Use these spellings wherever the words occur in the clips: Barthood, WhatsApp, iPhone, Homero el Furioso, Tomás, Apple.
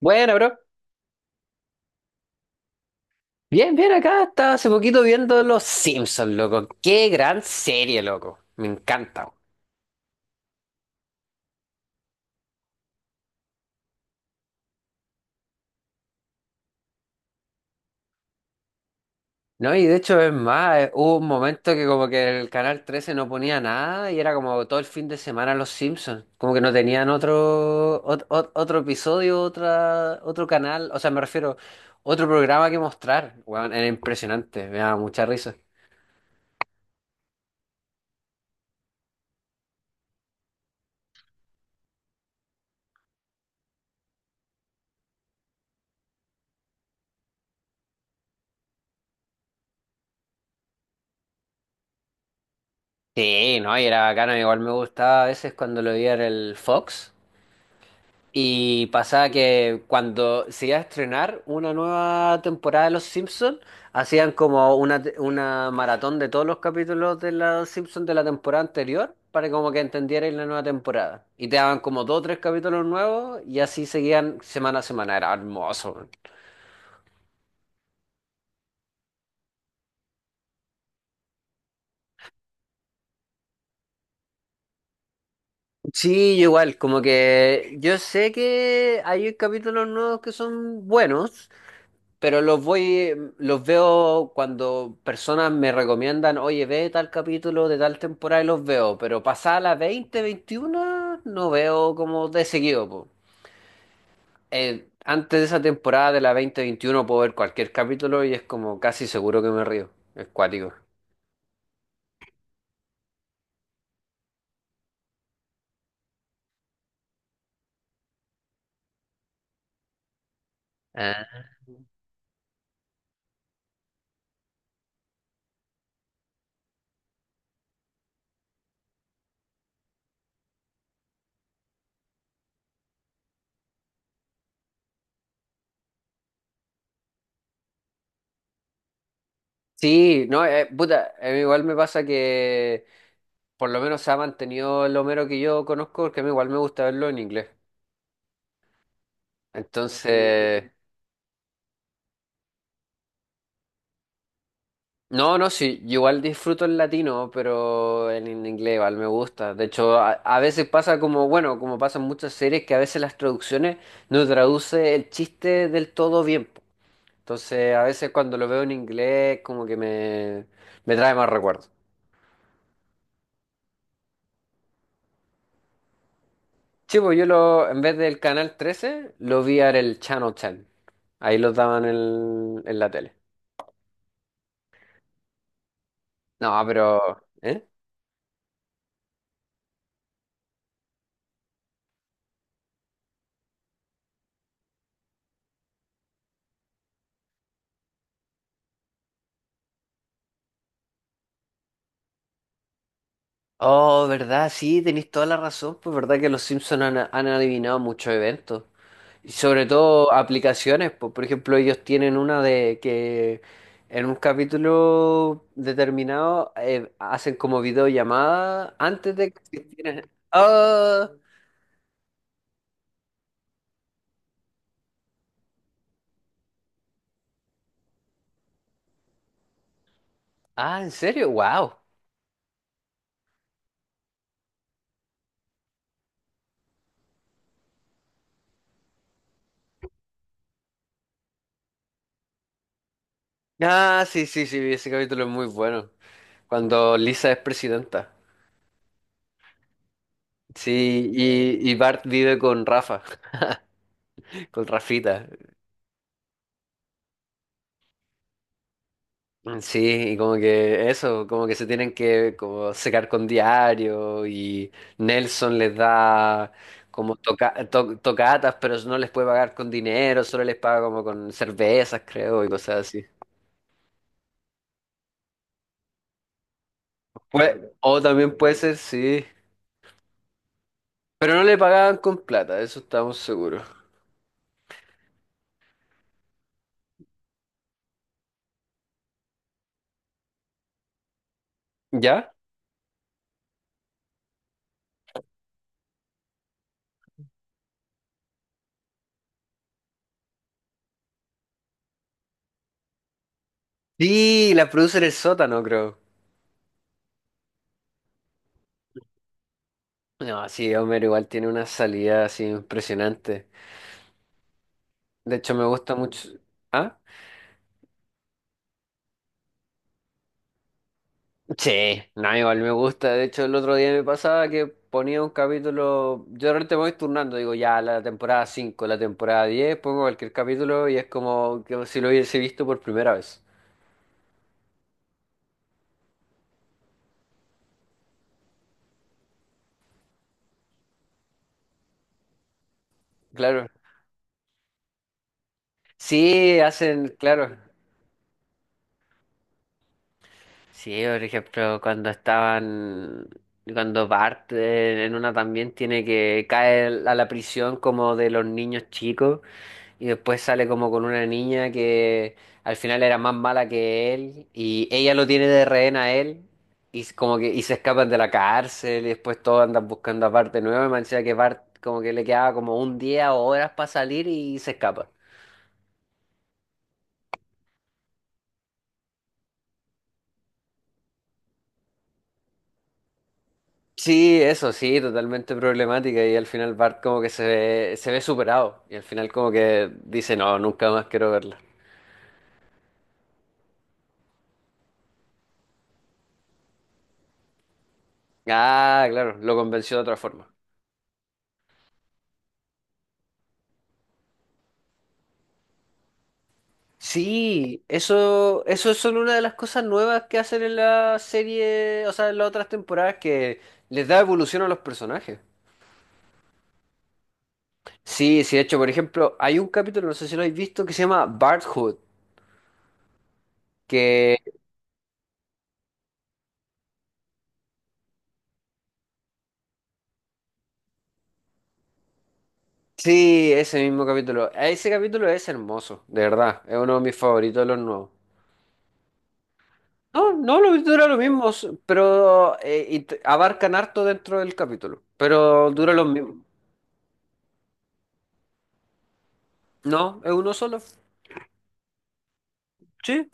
Bueno, bro. Bien, bien, acá estaba hace poquito viendo Los Simpsons, loco. Qué gran serie, loco. Me encanta, weón. No, y de hecho es más, hubo un momento que como que el canal 13 no ponía nada y era como todo el fin de semana Los Simpsons. Como que no tenían otro ot- ot- otro, episodio, otra otro canal, o sea, me refiero otro programa que mostrar. Weón, era impresionante, me daba mucha risa. Sí, no, y era bacano, igual me gustaba a veces cuando lo veía en el Fox. Y pasaba que cuando se iba a estrenar una nueva temporada de Los Simpsons, hacían como una, una maratón de todos los capítulos de Los Simpsons de la temporada anterior para como que entendierais la nueva temporada. Y te daban como dos o tres capítulos nuevos y así seguían semana a semana. Era hermoso, man. Sí, yo igual, como que yo sé que hay capítulos nuevos que son buenos, pero los voy, los veo cuando personas me recomiendan, oye, ve tal capítulo de tal temporada y los veo, pero pasada la 20 21, no veo como de seguido, po. Antes de esa temporada de la 20 21 puedo ver cualquier capítulo y es como casi seguro que me río. Es cuático. Ah. Sí, no, puta, a mí igual me pasa que por lo menos se ha mantenido el Homero que yo conozco, porque a mí igual me gusta verlo en inglés. Entonces, no, no, sí, yo igual disfruto el latino, pero en inglés igual me gusta. De hecho, a veces pasa como, bueno, como pasan muchas series, que a veces las traducciones no traduce el chiste del todo bien, po. Entonces, a veces cuando lo veo en inglés, como que me trae más recuerdos. Sí, pues yo lo, en vez del canal 13 lo vi en el Channel 10. Ahí lo daban en la tele. No, pero... ¿eh? Oh, verdad, sí, tenéis toda la razón, pues verdad que los Simpsons han, han adivinado muchos eventos. Y sobre todo aplicaciones, por ejemplo, ellos tienen una de que en un capítulo determinado hacen como videollamada antes de que existieran. ¡Ah! Ah, ¿en serio? ¡Wow! Ah, sí, sí, sí, ese capítulo es muy bueno. Cuando Lisa es presidenta. Sí, y Bart vive con Rafa, con Rafita. Sí, y como que eso, como que se tienen que como secar con diario y Nelson les da como toca tocatas, pero no les puede pagar con dinero, solo les paga como con cervezas, creo, y cosas así. Pues, o también puede ser, sí. Pero no le pagaban con plata, de eso estamos seguros. ¿Ya? Sí, la produce en el sótano, creo. No, sí, Homero igual tiene una salida así impresionante. De hecho, me gusta mucho. ¿Ah? Sí, no, igual me gusta. De hecho, el otro día me pasaba que ponía un capítulo. Yo de repente me voy turnando, digo, ya la temporada 5, la temporada 10, pongo cualquier capítulo y es como que si lo hubiese visto por primera vez. Claro. Sí, hacen, claro. Sí, por ejemplo, cuando estaban. Cuando Bart en una también tiene que caer a la prisión como de los niños chicos. Y después sale como con una niña que al final era más mala que él y ella lo tiene de rehén a él y s- como que y se escapan de la cárcel y después todos andan buscando a Bart de nuevo y me decía que Bart como que le quedaba como un día o horas para salir y se escapa. Sí, eso sí, totalmente problemática y al final Bart como que se ve superado y al final como que dice no, nunca más quiero verla. Ah, claro, lo convenció de otra forma. Sí, eso es solo una de las cosas nuevas que hacen en la serie, o sea, en las otras temporadas que les da evolución a los personajes. Sí, sí, de hecho, por ejemplo, hay un capítulo, no sé si lo habéis visto, que se llama Barthood, que sí, ese mismo capítulo. Ese capítulo es hermoso, de verdad, es uno de mis favoritos de los nuevos. No, no, lo mismo dura lo mismo, pero abarcan harto dentro del capítulo, pero dura lo mismo. No, es uno solo. Sí.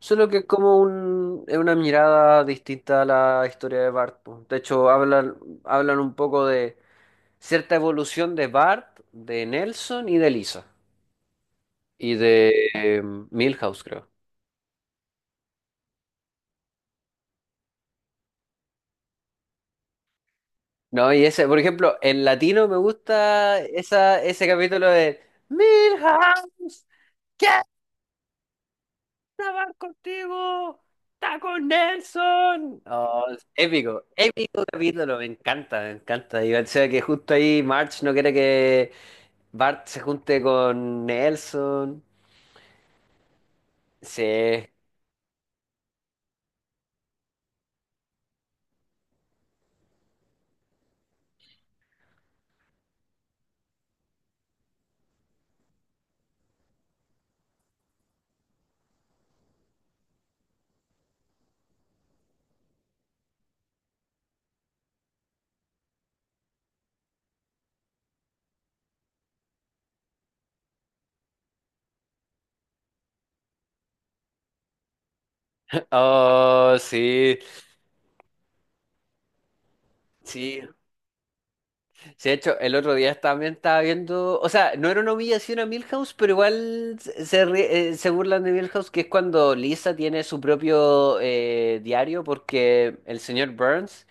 Solo que es como un, es una mirada distinta a la historia de Bart, po. De hecho, hablan, hablan un poco de cierta evolución de Bart, de Nelson y de Lisa. Y de Milhouse, creo. No, y ese, por ejemplo, en latino me gusta esa, ese capítulo de Milhouse, quiero hablar contigo, está con Nelson. Oh, es épico, épico capítulo, me encanta, me encanta. Y o sea que justo ahí March no quiere que Bart se junte con Nelson. Sí. Oh, sí. Sí, sí, de hecho, el otro día también estaba viendo, o sea, no era una humillación a Milhouse, pero igual se, se burlan de Milhouse, que es cuando Lisa tiene su propio diario, porque el señor Burns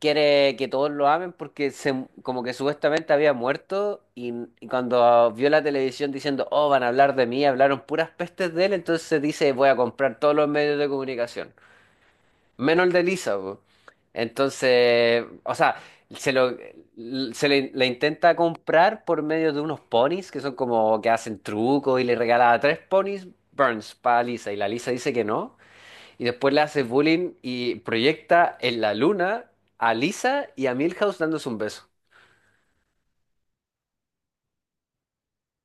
quiere que todos lo amen, porque se, como que supuestamente había muerto, y cuando vio la televisión diciendo, oh, van a hablar de mí, hablaron puras pestes de él, entonces dice, voy a comprar todos los medios de comunicación menos el de Lisa, po. Entonces, o sea, se lo le intenta comprar por medio de unos ponis que son como que hacen trucos y le regala tres ponis Burns para Lisa y la Lisa dice que no y después le hace bullying y proyecta en la luna a Lisa y a Milhouse dándose un beso.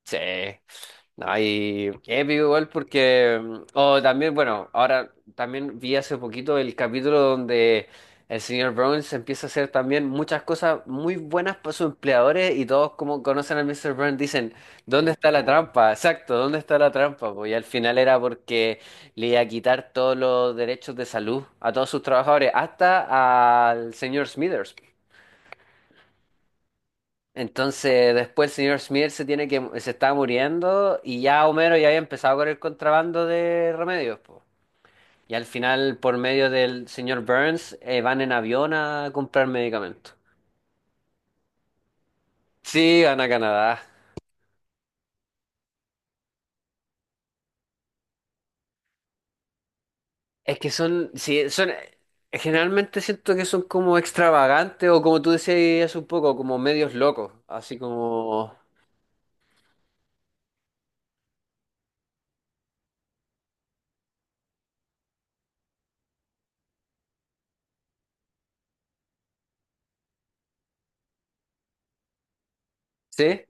Sí. No, y épico igual porque... O también, bueno, ahora también vi hace poquito el capítulo donde el señor Burns empieza a hacer también muchas cosas muy buenas para sus empleadores y todos como conocen al Mr. Burns dicen, ¿dónde está la trampa? Exacto, ¿dónde está la trampa? Pues, y al final era porque le iba a quitar todos los derechos de salud a todos sus trabajadores, hasta al señor Smithers. Entonces después el señor Smith se tiene que se estaba muriendo y ya Homero ya había empezado con el contrabando de remedios, po. Y al final, por medio del señor Burns, van en avión a comprar medicamentos. Sí, van a Canadá. Es que son, sí, son, generalmente siento que son como extravagantes o como tú decías hace un poco, como medios locos, así como, ¿sí?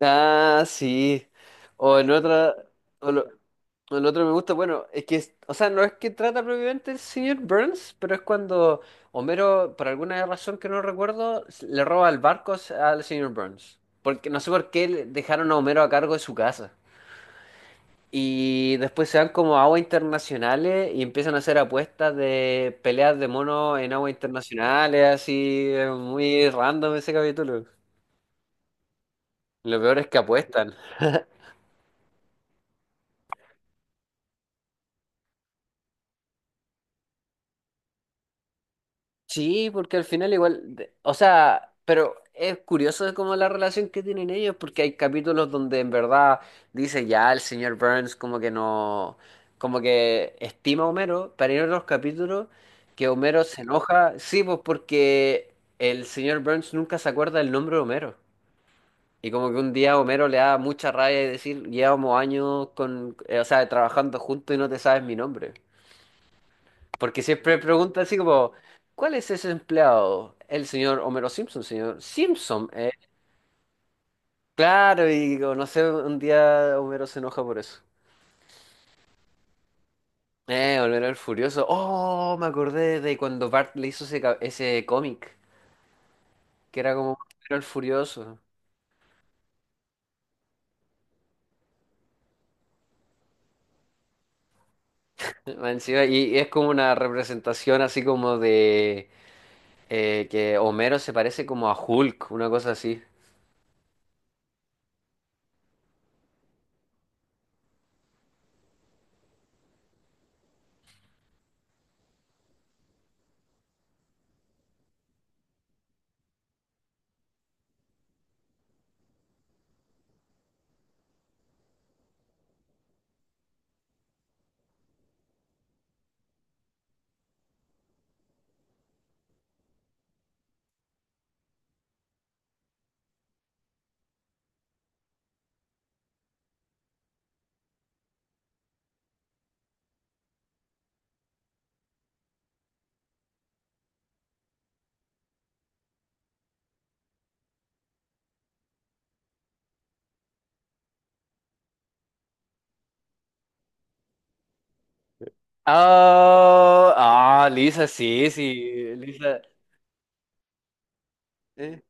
Ah, sí. O en otra, o lo- o en otro me gusta, bueno, es que, o sea, no es que trata propiamente el señor Burns, pero es cuando Homero, por alguna razón que no recuerdo, le roba el barco al señor Burns. Porque no sé por qué dejaron a Homero a cargo de su casa. Y después se van como a aguas internacionales y empiezan a hacer apuestas de peleas de monos en aguas internacionales, así, muy random ese capítulo. Lo peor es que apuestan. Sí, porque al final igual, o sea, pero es curioso como la relación que tienen ellos, porque hay capítulos donde en verdad dice ya el señor Burns como que no, como que estima a Homero, pero hay otros capítulos que Homero se enoja, sí, pues porque el señor Burns nunca se acuerda el nombre de Homero. Y como que un día Homero le da mucha rabia y decir, llevamos años con, o sea, trabajando juntos y no te sabes mi nombre. Porque siempre pregunta así como, ¿cuál es ese empleado? El señor Homero Simpson, señor Simpson, eh. Claro, y digo, no sé, un día Homero se enoja por eso. Homero el Furioso. Oh, me acordé de cuando Bart le hizo ese, ese cómic, que era como Homero el Furioso. Más encima, y es como una representación así como de que Homero se parece como a Hulk, una cosa así. Ah, ah, Lisa, sí, sí, Lisa, eh.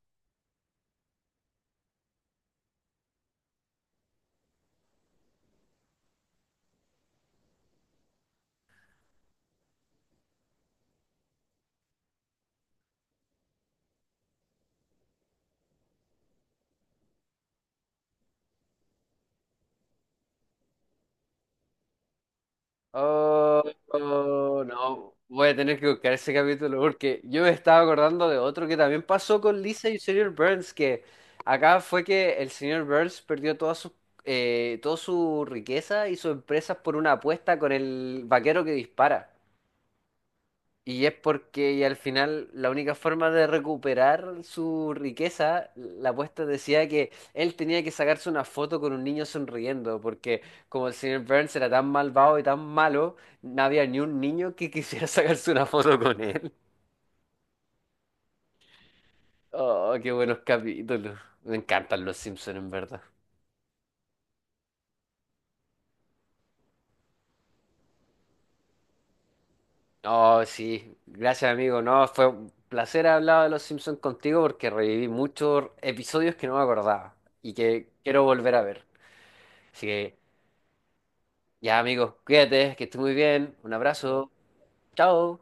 Oh, oh, no, voy a tener que buscar ese capítulo porque yo me estaba acordando de otro que también pasó con Lisa y el señor Burns, que acá fue que el señor Burns perdió toda su riqueza y sus empresas por una apuesta con el vaquero que dispara. Y es porque y al final la única forma de recuperar su riqueza, la apuesta decía que él tenía que sacarse una foto con un niño sonriendo, porque como el señor Burns era tan malvado y tan malo, no había ni un niño que quisiera sacarse una foto con él. Oh, qué buenos capítulos. Me encantan los Simpsons, en verdad. Oh, sí. Gracias, amigo. No, fue un placer hablar de los Simpsons contigo porque reviví muchos episodios que no me acordaba y que quiero volver a ver. Así que ya, amigos, cuídate, que estés muy bien. Un abrazo. Chao.